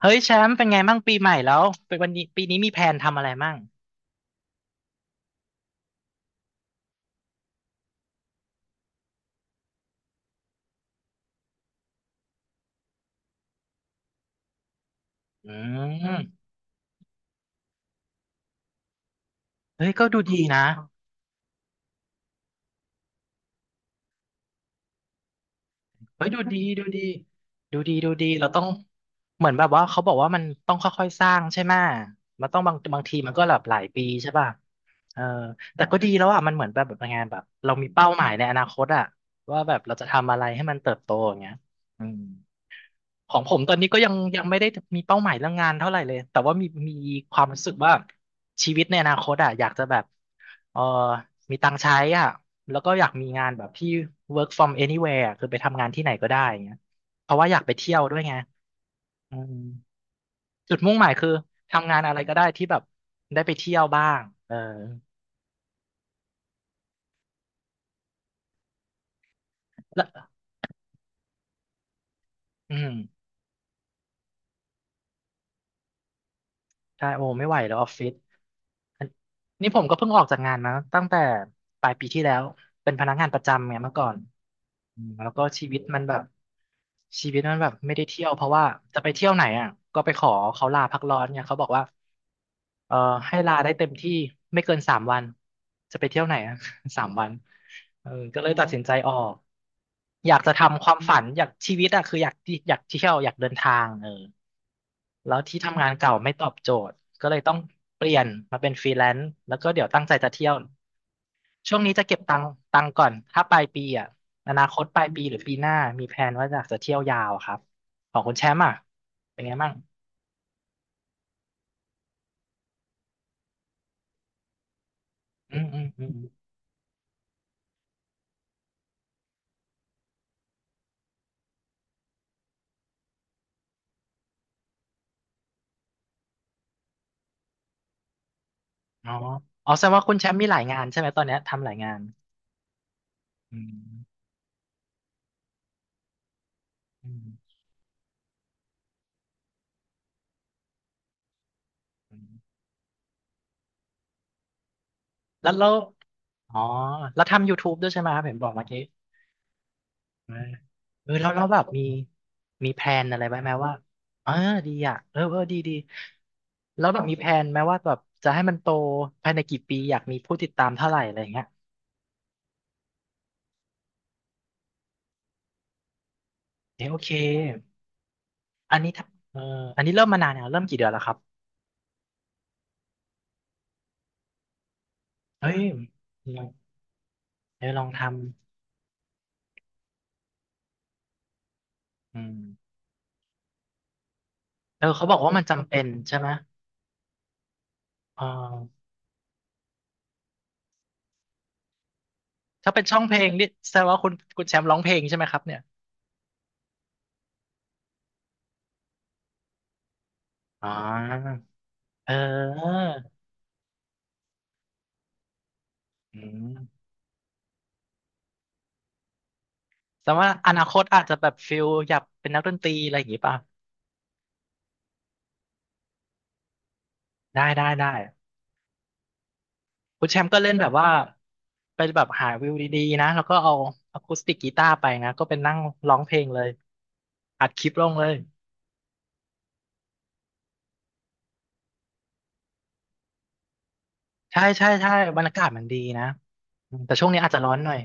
เฮ้ยแชมป์เป็นไงมั่งปีใหม่แล้วเป็นวันนี้ปีนี้มีแผนทำอะไรมั่งอืมเฮ้ยก็ดูดีนะเฮ้ยดูดีดูดีดูดีดูดีเราต้องเหมือนแบบว่าเขาบอกว่ามันต้องค่อยๆสร้างใช่ไหมมันต้องบางทีมันก็แบบหลายปีใช่ป่ะเออแต่ก็ดีแล้วอ่ะมันเหมือนแบบงานแบบเรามีเป้าหมายในอนาคตอ่ะว่าแบบเราจะทำอะไรให้มันเติบโตอย่างเงี้ยอืม ของผมตอนนี้ก็ยังไม่ได้มีเป้าหมายเรื่องงานเท่าไหร่เลยแต่ว่ามีความรู้สึกว่าชีวิตในอนาคตอ่ะอยากจะแบบเออมีตังค์ใช้อ่ะแล้วก็อยากมีงานแบบที่ work from anywhere อะคือไปทำงานที่ไหนก็ได้อย่างเงี้ยเพราะว่าอยากไปเที่ยวด้วยไงอืมจุดมุ่งหมายคือทำงานอะไรก็ได้ที่แบบได้ไปเที่ยวบ้างเออแล้วอืมใช่โอ้ไม่ไหวแล้วออฟฟิศอันนี่ผมก็เพิ่งออกจากงานมาตั้งแต่ปลายปีที่แล้วเป็นพนักงานประจำไงเมื่อก่อน อืมแล้วก็ชีวิตมันแบบชีวิตมันแบบไม่ได้เที่ยวเพราะว่าจะไปเที่ยวไหนอ่ะก็ไปขอเขาลาพักร้อนเนี่ยเขาบอกว่าเออให้ลาได้เต็มที่ไม่เกินสามวันจะไปเที่ยวไหนอ่ะ 3 วันเออก็เลยตัดสินใจออกอยากจะทำความฝันอยากชีวิตอ่ะคืออยากที่อยากเที่ยวอยากเดินทางเออแล้วที่ทำงานเก่าไม่ตอบโจทย์ก็เลยต้องเปลี่ยนมาเป็นฟรีแลนซ์แล้วก็เดี๋ยวตั้งใจจะเที่ยว ช่วงนี้จะเก็บตังค์ก่อนถ้าปลายปีอ่ะอนาคตปลายปีหรือปีหน้ามีแผนว่าอยากจะเที่ยวยาวครับของคุณแชมป์อ่ะเป็นไงบ้างอืมอืมอืมอมอ๋ออ๋อแสดงว่าคุณแชมป์มีหลายงานใช่ไหมตอนเนี้ยทำหลายงานอืมอืมอืมแล้วอ๋อแล้วทำ YouTube ด้วยใช่ไหมครับเห็นบอกเมื่อกี้เออเออแล้วแบบมีแพลนอะไรไว้ไหมว่าเออดีอ่ะเออเออดีดีแล้วแบบมีแพลนไหมว่าแบบจะให้มันโตภายในกี่ปีอยากมีผู้ติดตามเท่าไหร่อะไรอย่างเงี้ย เอะโอเค อันนี้ถ้าเอออันนี้เริ่มมานานแล้วเริ่มกี่เดือนแล้วครับเฮ้ยลองเออลองทำอืมเออเขาบอกว่ามันจำเป็นใช่ไหมเออถ้าเป็นช่องเพลงนี่แสดงว่าคุณแชมป์ร้องเพลงใช่ไหมครับเนี่ยอ๋อเอออืมแต่ว่าอนาคตอาจจะแบบฟิลอยากเป็นนักดนตรีอะไรอย่างงี้ป่ะได้ได้ได้คุณแชมป์ก็เล่นแบบว่าไปแบบหาวิวดีๆนะ แล้วก็เอาอะคูสติกกีตาร์ไปนะก็เป็นนั่งร้องเพลงเลยอัดคลิปลงเลย ใช่ใช่ใช่บรรยากาศมันดีนะอืมแต่ช่วงนี้อาจจะร้อนหน่อย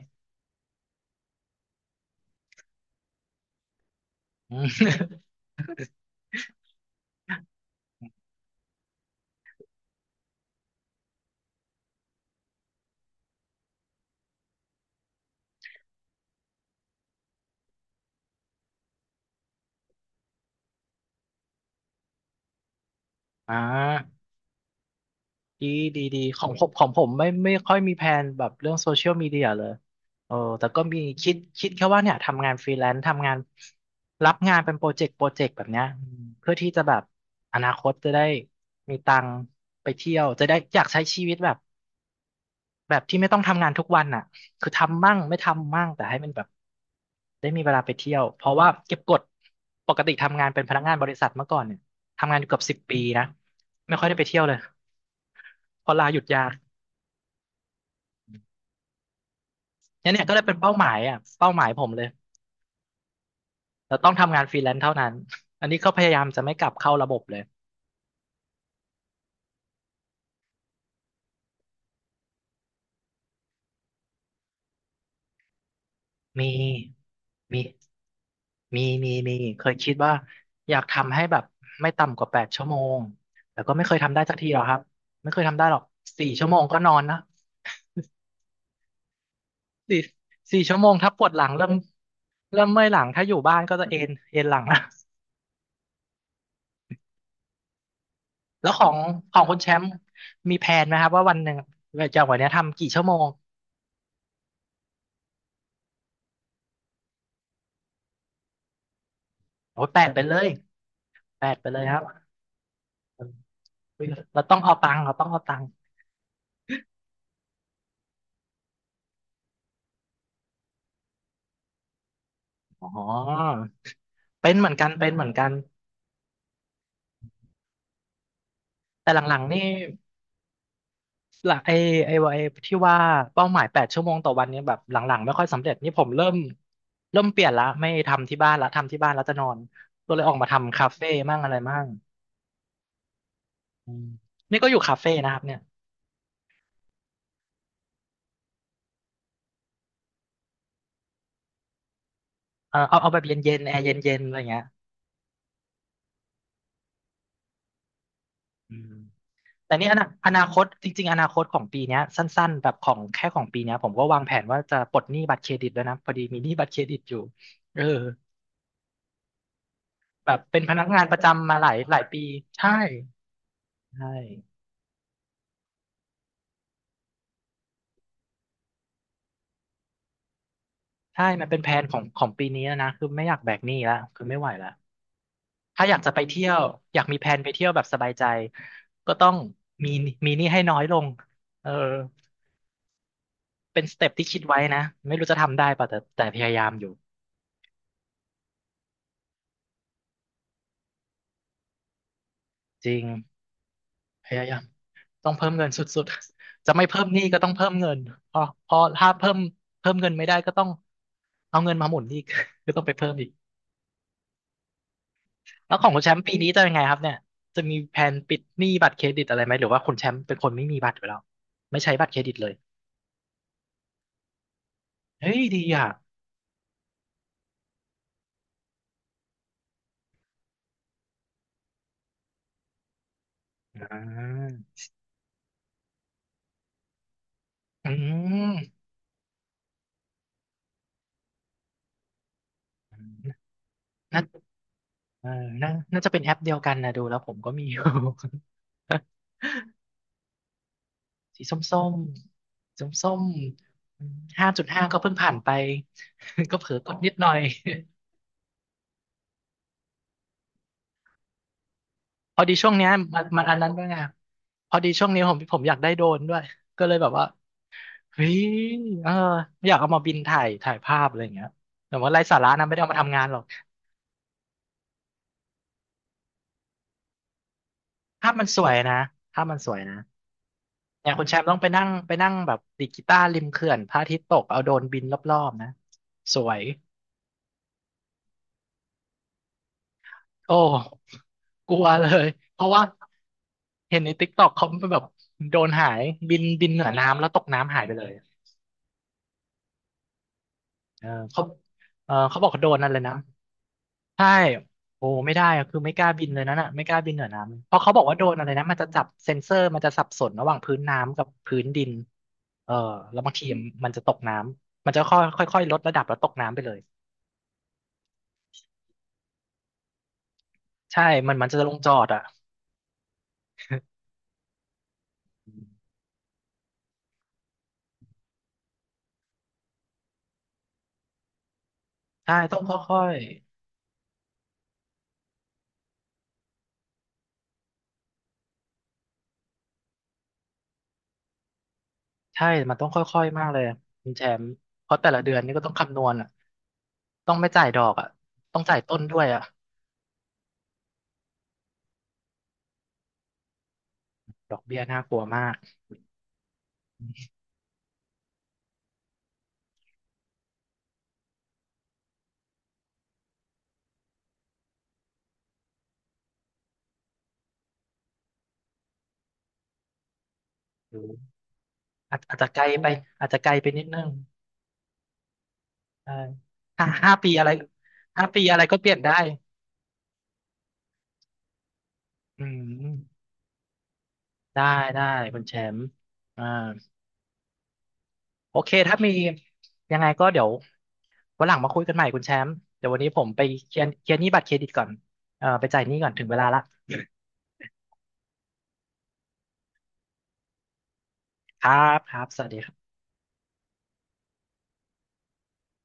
อืม อ่าดีดีดีของผมของผมไม่ไม่ค่อยมีแผนแบบเรื่องโซเชียลมีเดียเลยเออแต่ก็มีคิดแค่ว่าเนี่ยทำงานฟรีแลนซ์ทำงานรับงานเป็นโปรเจกต์โปรเจกต์แบบเนี้ยอืมเพื่อที่จะแบบอนาคตจะได้มีตังค์ไปเที่ยวจะได้อยากใช้ชีวิตแบบ แบบที่ไม่ต้องทำงานทุกวันอ่ะคือทำมั่งไม่ทำมั่งแต่ให้มันแบบได้มีเวลาไปเที่ยว เพราะว่าเก็บกดปกติทำงานเป็นพนักงานบริษัทเมื่อก่อนเนี่ยทำงานอยู่เกือบ10 ปีนะไม่ค่อยได้ไปเที่ยวเลยเพอลาหยุดยาวเนี่ยเนี่ยก็เลยเป็นเป้าหมายอ่ะเป้าหมายผมเลยเราต้องทำงานฟรีแลนซ์เท่านั้นอันนี้ก็พยายามจะไม่กลับเข้าระบบเลย มีมีมีมีมีเคยคิดว่าอยากทำให้แบบไม่ต่ำกว่า8 ชั่วโมงแต่ก็ไม่เคยทำได้สักทีหรอกครับไม่เคยทำได้หรอกสี่ชั่วโมงก็นอนนะสี่สี่ชั่วโมงถ้าปวดหลังเริ่มเมื่อยหลังถ้าอยู่บ้านก็จะเอนเอนหลัง นะแล้วของคุณแชมป์มีแผนไหมครับว่าวันหนึ่งจากวันเนี้ยทำกี่ชั่วโมงโอ้ยแปดไปเลยแปดไปเลยครับเฮ้ยเราต้องเอาตังค์เราต้องเอาตังค์อ๋อเป็นเหมือนกันเป็นเหมือนกันแต่หลังๆนี่ หลักไอ้ไอ้ไอ้ที่ว่าเป้าหมาย8 ชั่วโมงต่อวันเนี่ยแบบหลังๆไม่ค่อยสำเร็จนี่ผมเริ่มเปลี่ยนละไม่ทำที่บ้านละทำที่บ้านแล้วจะนอนก็เลยออกมาทำคาเฟ่มั่งอะไรมั่งอืมนี่ก็อยู่คาเฟ่นะครับเนี่ยเออเอาแบบเย็นๆแอร์เย็นๆอะไรเงี้ยอืมแต่นี่อนาคตจริงๆอนาคตของปีเนี้ยสั้นๆแบบของแค่ของปีเนี้ยผมก็วางแผนว่าจะปลดหนี้บัตรเครดิตแล้วยนะพอดีมีหนี้บัตรเครดิตอยู่เออแบบเป็นพนักงานประจำมาหลายหลายปีใช่ใช่ ใช่มันเป็นแผนของของปีนี้แล้วนะคือไม่อยากแบกหนี้ละคือไม่ไหวละถ้าอยากจะไปเที่ยว อยากมีแผนไปเที่ยวแบบสบายใจก็ต้องมีมีหนี้ให้น้อยลง เออเป็นสเต็ปที่คิดไว้นะ ไม่รู้จะทำได้ป่ะแต่พยายามอยู่จริงพยายามต้องเพิ่มเงินสุดๆ จะไม่เพิ่มหนี้ก็ต้องเพิ่มเงินพอพอถ้าเพิ่มเงินไม่ได้ก็ต้องเอาเงินมาหมุนอีก ก็ต้องไปเพิ่มอีก แล้วของคุณแชมป์ปีนี้จะยังไงครับเนี่ยจะมีแผนปิดหนี้บัตรเครดิตอะไรไหมหรือว่าคุณแชมป์เป็นคนไม่มีบัตรอยู่แล้วไม่ใช้บัตรเครดิตเลยเฮ้ยดีอ่ะอ่าอืมน่าเออน่าจะเป็นแอปเดียวกันนะดูแล้วผมก็มีอยู่ สีส้มส้มส้มส้ม5.5ก็เพิ่งผ่านไป ก็เผลอกดนิดหน่อย พอดีช่วงเนี้ยมันมันอันนั้นด้วยไงพอดีช่วงนี้ผมอยากได้โดรนด้วยก็เลยแบบว่า เฮ้ยเอออยากเอามาบินถ่ายถ่ายภาพอะไรอย่างเงี้ยแต่ว่าไร้สาระนะไม่ได้เอามาทำงานหรอกภาพมันสวยนะภาพมันสวยนะอย่างคุณแชมป์ต้องไปนั่งไปนั่งแบบดีดกีตาร์ริมเขื่อนพระอาทิตย์ตกเอาโดรนบินรอบๆนะสวยโอ้กลัวเลยเพราะว่าเห็นในติ๊กต็อกเขาแบบโดรนหายบินเหนือน้ำแล้วตกน้ำหายไปเลยเออเขาเออเขาบอกเขาโดนนั่นเลยนะ ใช่โอ้ไม่ได้อะคือไม่กล้าบินเลยน่นอ่ะไม่กล้าบินเหนือน้ำเพราะเขาบอกว่าโดรนอะไรนะมันจะจับเซ็นเซอร์มันจะสับสนระหว่างพื้นน้ำกับพื้นดินเออแล้วบางทีมันจะตกน้ำมันจะค่อยค่อยๆลดระดับแล้วตกน้ำไปเลยใช่มันจะลงจอดอ่ะใช่ต้องค่อยๆใช่มันต้องค่อยๆมากเลยคุณแชมป์เพราะแต่ละเดือนนี่ก็ต้องคำนวณอ่ะต้องไม่จ่ายดอกอ่ะต้องจ่ายต้นด้วยอ่ะดอกเบี้ยน่ากลัวมากหรืออาจจะไกลไปอาจจะไกลไปนิดนึง ใช่ห้าปีอะไรห้าปีอะไรก็เปลี่ยนได้อืมได้ ได้ คุณแชมป์อ่าโอเคถ้ามียังไงก็เดี๋ยววันหลังมาคุยกันใหม่ คุณแชมป์เดี๋ยววันนี้ผมไปเคลียร์หนี้บัตรเครดิตก่อนไปจ่ายหนี้ก่อนถึงเวลาละ ครับครับสวัสดีครับ